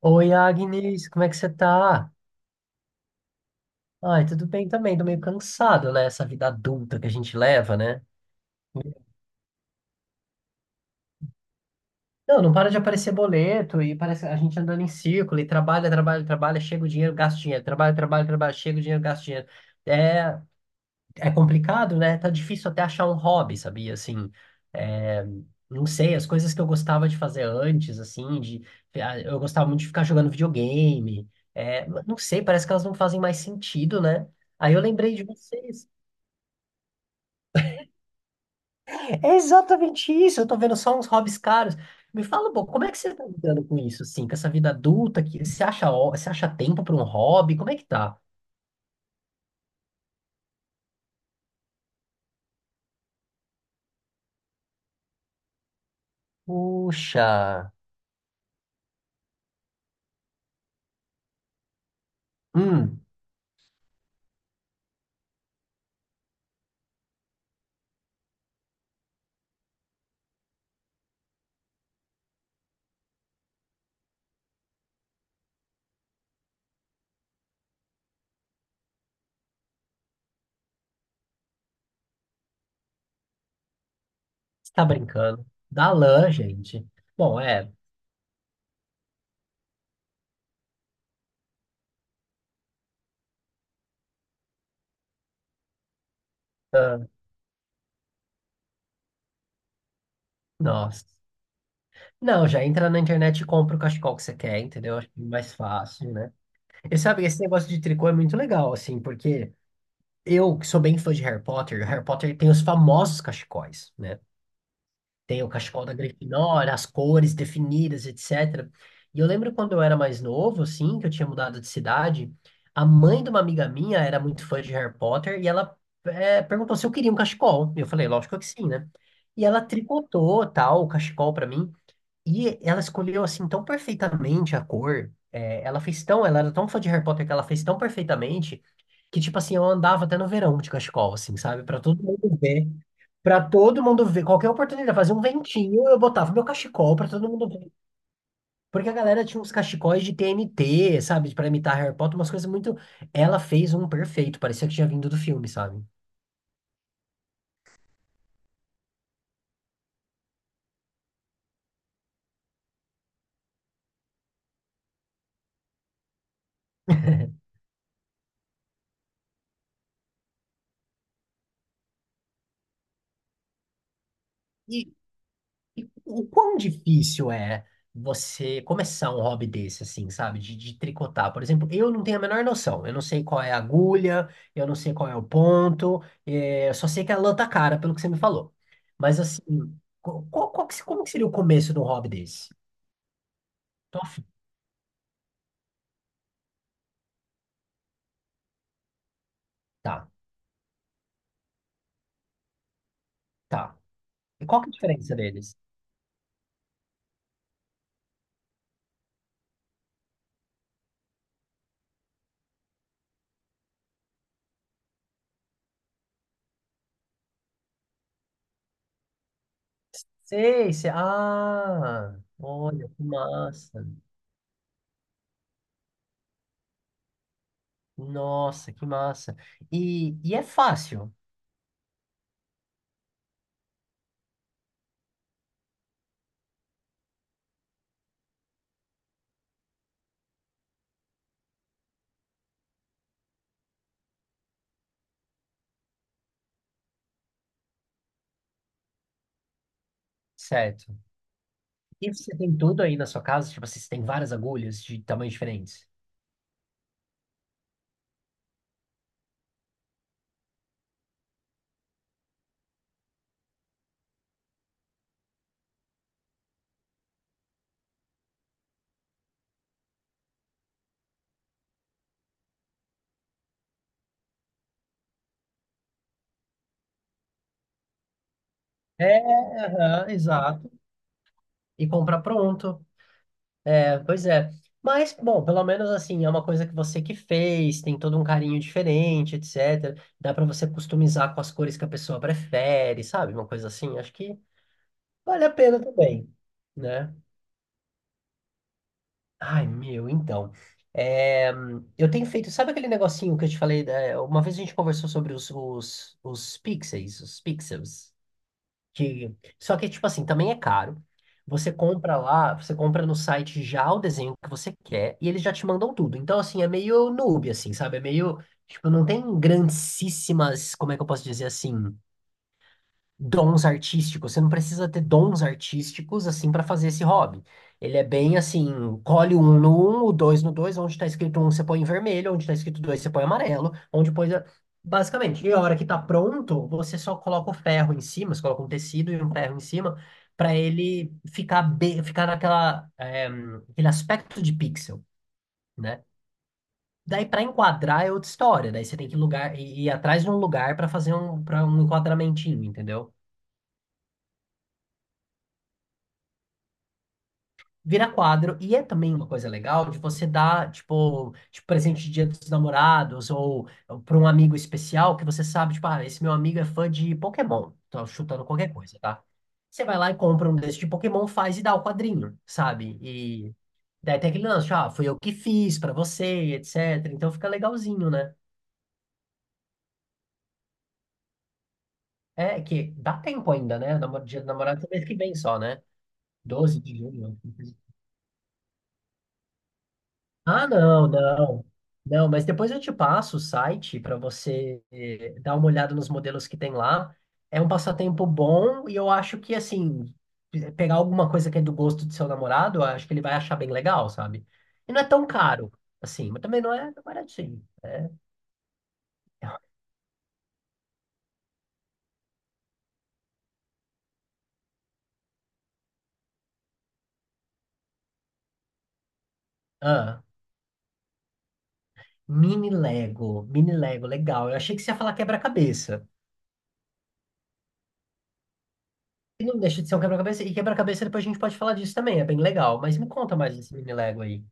Oi, Agnes, como é que você tá? Ai, tudo bem também, tô meio cansado, né? Essa vida adulta que a gente leva, né? Não, não para de aparecer boleto e parece a gente andando em círculo e trabalha, trabalha, trabalha, chega o dinheiro, gasta o dinheiro, trabalha, trabalha, trabalha, chega o dinheiro, gasta o dinheiro. É, é complicado, né? Tá difícil até achar um hobby, sabia? Assim, é, não sei, as coisas que eu gostava de fazer antes, assim, de ah, eu gostava muito de ficar jogando videogame, mas não sei, parece que elas não fazem mais sentido, né? Aí eu lembrei de vocês. É exatamente isso, eu tô vendo só uns hobbies caros. Me fala, pô, como é que você tá lidando com isso, assim, com essa vida adulta que você acha, você acha tempo para um hobby? Como é que tá? Puxa. Hum. Você tá brincando. Dá lã, gente. Bom, é. Nossa. Não, já entra na internet e compra o cachecol que você quer, entendeu? Acho que é mais fácil, né? E sabe, esse negócio de tricô é muito legal, assim, porque eu, que sou bem fã de Harry Potter, Harry Potter tem os famosos cachecóis, né? Tem o cachecol da Grifinória, as cores definidas, etc. E eu lembro quando eu era mais novo, assim, que eu tinha mudado de cidade, a mãe de uma amiga minha era muito fã de Harry Potter e ela perguntou se eu queria um cachecol. Eu falei, lógico que sim, né? E ela tricotou, tal, o cachecol pra mim. E ela escolheu assim tão perfeitamente a cor. Ela era tão fã de Harry Potter que ela fez tão perfeitamente que tipo assim, eu andava até no verão de cachecol, assim, sabe? Pra todo mundo ver. Pra todo mundo ver, qualquer oportunidade, fazia um ventinho, eu botava meu cachecol pra todo mundo ver. Porque a galera tinha uns cachecóis de TNT, sabe? Pra imitar Harry Potter, umas coisas muito. Ela fez um perfeito, parecia que tinha vindo do filme, sabe? E, E o quão difícil é você começar um hobby desse, assim, sabe? De tricotar. Por exemplo, eu não tenho a menor noção. Eu não sei qual é a agulha, eu não sei qual é o ponto, eu só sei que a lã tá cara, pelo que você me falou. Mas, assim, qual que como que seria o começo de um hobby desse? Tô afim. Tá, tá. E qual que é a diferença deles? Sei, sei. Ah, olha, que massa. Nossa, que massa. E é fácil, certo? E você tem tudo aí na sua casa? Tipo assim, você tem várias agulhas de tamanhos diferentes? É, aham, exato. E comprar pronto. É, pois é. Mas, bom, pelo menos assim, é uma coisa que você que fez, tem todo um carinho diferente, etc. Dá pra você customizar com as cores que a pessoa prefere, sabe? Uma coisa assim, acho que vale a pena também, né? Ai, meu, então. É, eu tenho feito, sabe aquele negocinho que eu te falei? Uma vez a gente conversou sobre os pixels. Só que, tipo assim, também é caro. Você compra lá, você compra no site já o desenho que você quer e eles já te mandam tudo. Então, assim, é meio noob, assim, sabe? É meio, tipo, não tem grandíssimas, como é que eu posso dizer assim? Dons artísticos. Você não precisa ter dons artísticos assim para fazer esse hobby. Ele é bem assim, colhe um no um, o dois no dois, onde está escrito um você põe em vermelho, onde está escrito dois você põe amarelo, onde põe basicamente. E a hora que tá pronto, você só coloca o ferro em cima, você coloca um tecido e um ferro em cima para ele ficar bem, ficar aquele aspecto de pixel, né? Daí para enquadrar é outra história. Daí você tem que lugar ir atrás de um lugar para fazer para um enquadramentinho, entendeu? Vira quadro, e é também uma coisa legal de você dar, tipo, tipo presente de Dia dos Namorados ou para um amigo especial que você sabe, tipo, ah, esse meu amigo é fã de Pokémon. Tô chutando qualquer coisa, tá? Você vai lá e compra um desses de Pokémon, faz e dá o quadrinho, sabe? E daí tem aquele lance, tipo, ah, fui eu que fiz pra você, etc. Então fica legalzinho, né? É que dá tempo ainda, né? Dia dos Namorados é mês que vem só, né? 12 de junho. Ah, não, não. Não, mas depois eu te passo o site para você dar uma olhada nos modelos que tem lá. É um passatempo bom e eu acho que, assim, pegar alguma coisa que é do gosto do seu namorado, eu acho que ele vai achar bem legal, sabe? E não é tão caro, assim, mas também não é baratinho. Ah, mini Lego, legal. Eu achei que você ia falar quebra-cabeça. E não deixa de ser um quebra-cabeça. E quebra-cabeça depois a gente pode falar disso também, é bem legal. Mas me conta mais desse mini Lego aí.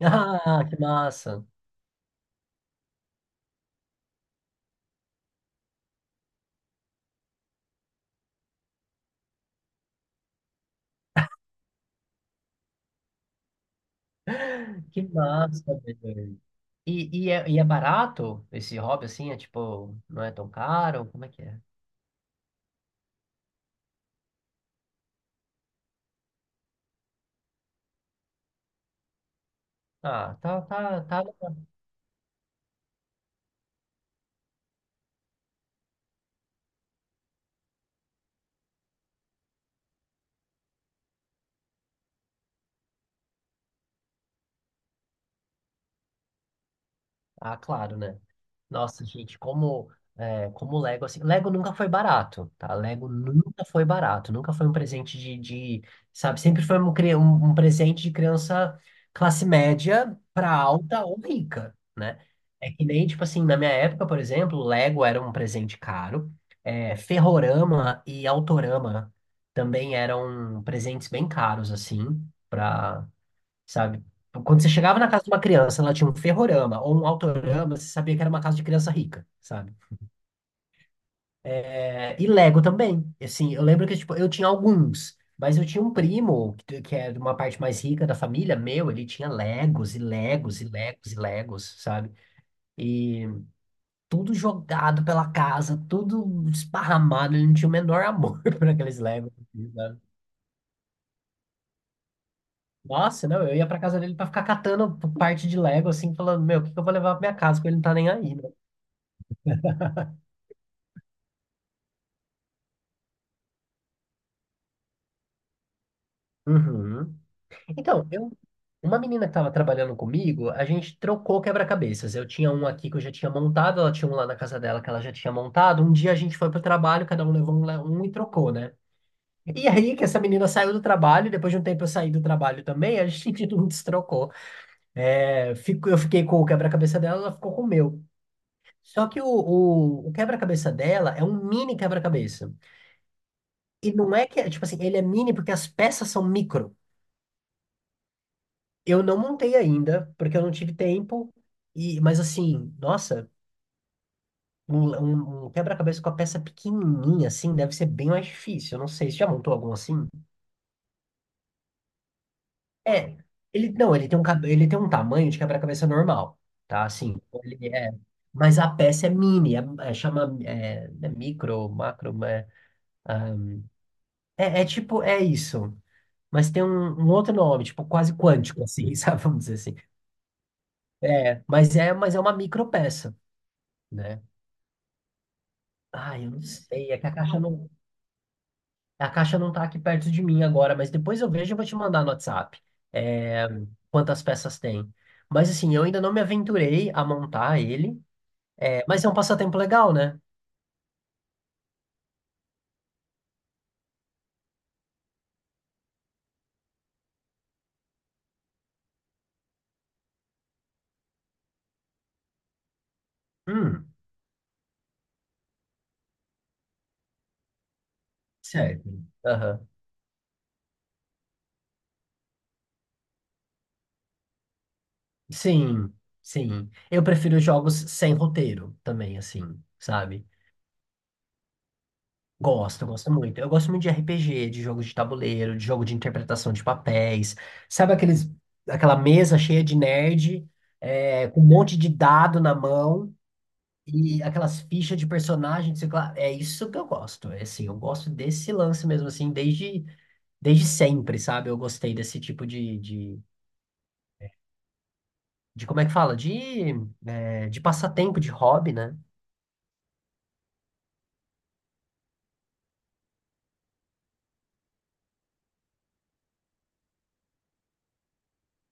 Ah, que massa. Que massa, velho. E é barato esse hobby assim? É tipo, não é tão caro? Como é que é? Ah, tá, tá, tá. Ah, claro, né? Nossa, gente, como Lego, assim, Lego nunca foi barato, tá? Lego nunca foi barato, nunca foi um presente de, sabe, sempre foi um presente de criança classe média pra alta ou rica, né? É que nem, tipo assim, na minha época, por exemplo, Lego era um presente caro, é, Ferrorama e Autorama também eram presentes bem caros, assim, pra sabe? Quando você chegava na casa de uma criança, ela tinha um ferrorama ou um autorama, você sabia que era uma casa de criança rica, sabe? É, e Lego também. Assim, eu lembro que tipo, eu tinha alguns, mas eu tinha um primo que é de uma parte mais rica da família, meu, ele tinha Legos e Legos e Legos e Legos, sabe? E tudo jogado pela casa, tudo esparramado, ele não tinha o menor amor por aqueles Legos, sabe? Nossa, não, eu ia pra casa dele pra ficar catando parte de Lego, assim, falando, meu, o que que eu vou levar pra minha casa, porque ele não tá nem aí, né? Uhum. Então, eu, uma menina que estava trabalhando comigo, a gente trocou quebra-cabeças. Eu tinha um aqui que eu já tinha montado, ela tinha um lá na casa dela que ela já tinha montado. Um dia a gente foi pro trabalho, cada um levou um, um e trocou, né? E aí que essa menina saiu do trabalho, depois de um tempo eu saí do trabalho também, a gente não destrocou. É, eu fiquei com o quebra-cabeça dela, ela ficou com o meu. Só que o quebra-cabeça dela é um mini quebra-cabeça. E não é que, é, tipo assim, ele é mini porque as peças são micro. Eu não montei ainda, porque eu não tive tempo. E, mas assim, nossa, um, um quebra-cabeça com a peça pequenininha assim deve ser bem mais difícil. Eu não sei, você já montou algum assim? É, ele não, ele tem um tamanho de quebra-cabeça normal, tá? Assim, ele é, mas a peça é mini, é, chama é, é micro, macro, é, ah, é, é tipo é isso, mas tem um, um outro nome, tipo quase quântico assim, sabe? Vamos dizer assim. É, mas é, mas é uma micropeça. Né? Ah, eu não sei. É que a caixa não tá aqui perto de mim agora, mas depois eu vejo e vou te mandar no WhatsApp, é, quantas peças tem. Mas assim, eu ainda não me aventurei a montar ele, é, mas é um passatempo legal, né? Hum, certo. Aham. Sim, sim. Eu prefiro jogos sem roteiro também, assim, sabe? Gosto, gosto muito. Eu gosto muito de RPG, de jogo de tabuleiro, de jogo de interpretação de papéis. Sabe aqueles, aquela mesa cheia de nerd, é, com um monte de dado na mão e aquelas fichas de personagem, sei lá. É isso que eu gosto. É assim, eu gosto desse lance mesmo, assim, desde sempre, sabe? Eu gostei desse tipo de, de como é que fala? De, é, de passatempo, de hobby, né?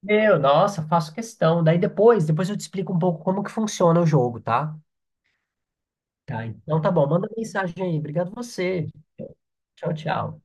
Meu, nossa, faço questão. Daí depois eu te explico um pouco como que funciona o jogo, tá? Tá, então tá bom. Manda mensagem aí. Obrigado você. Tchau, tchau.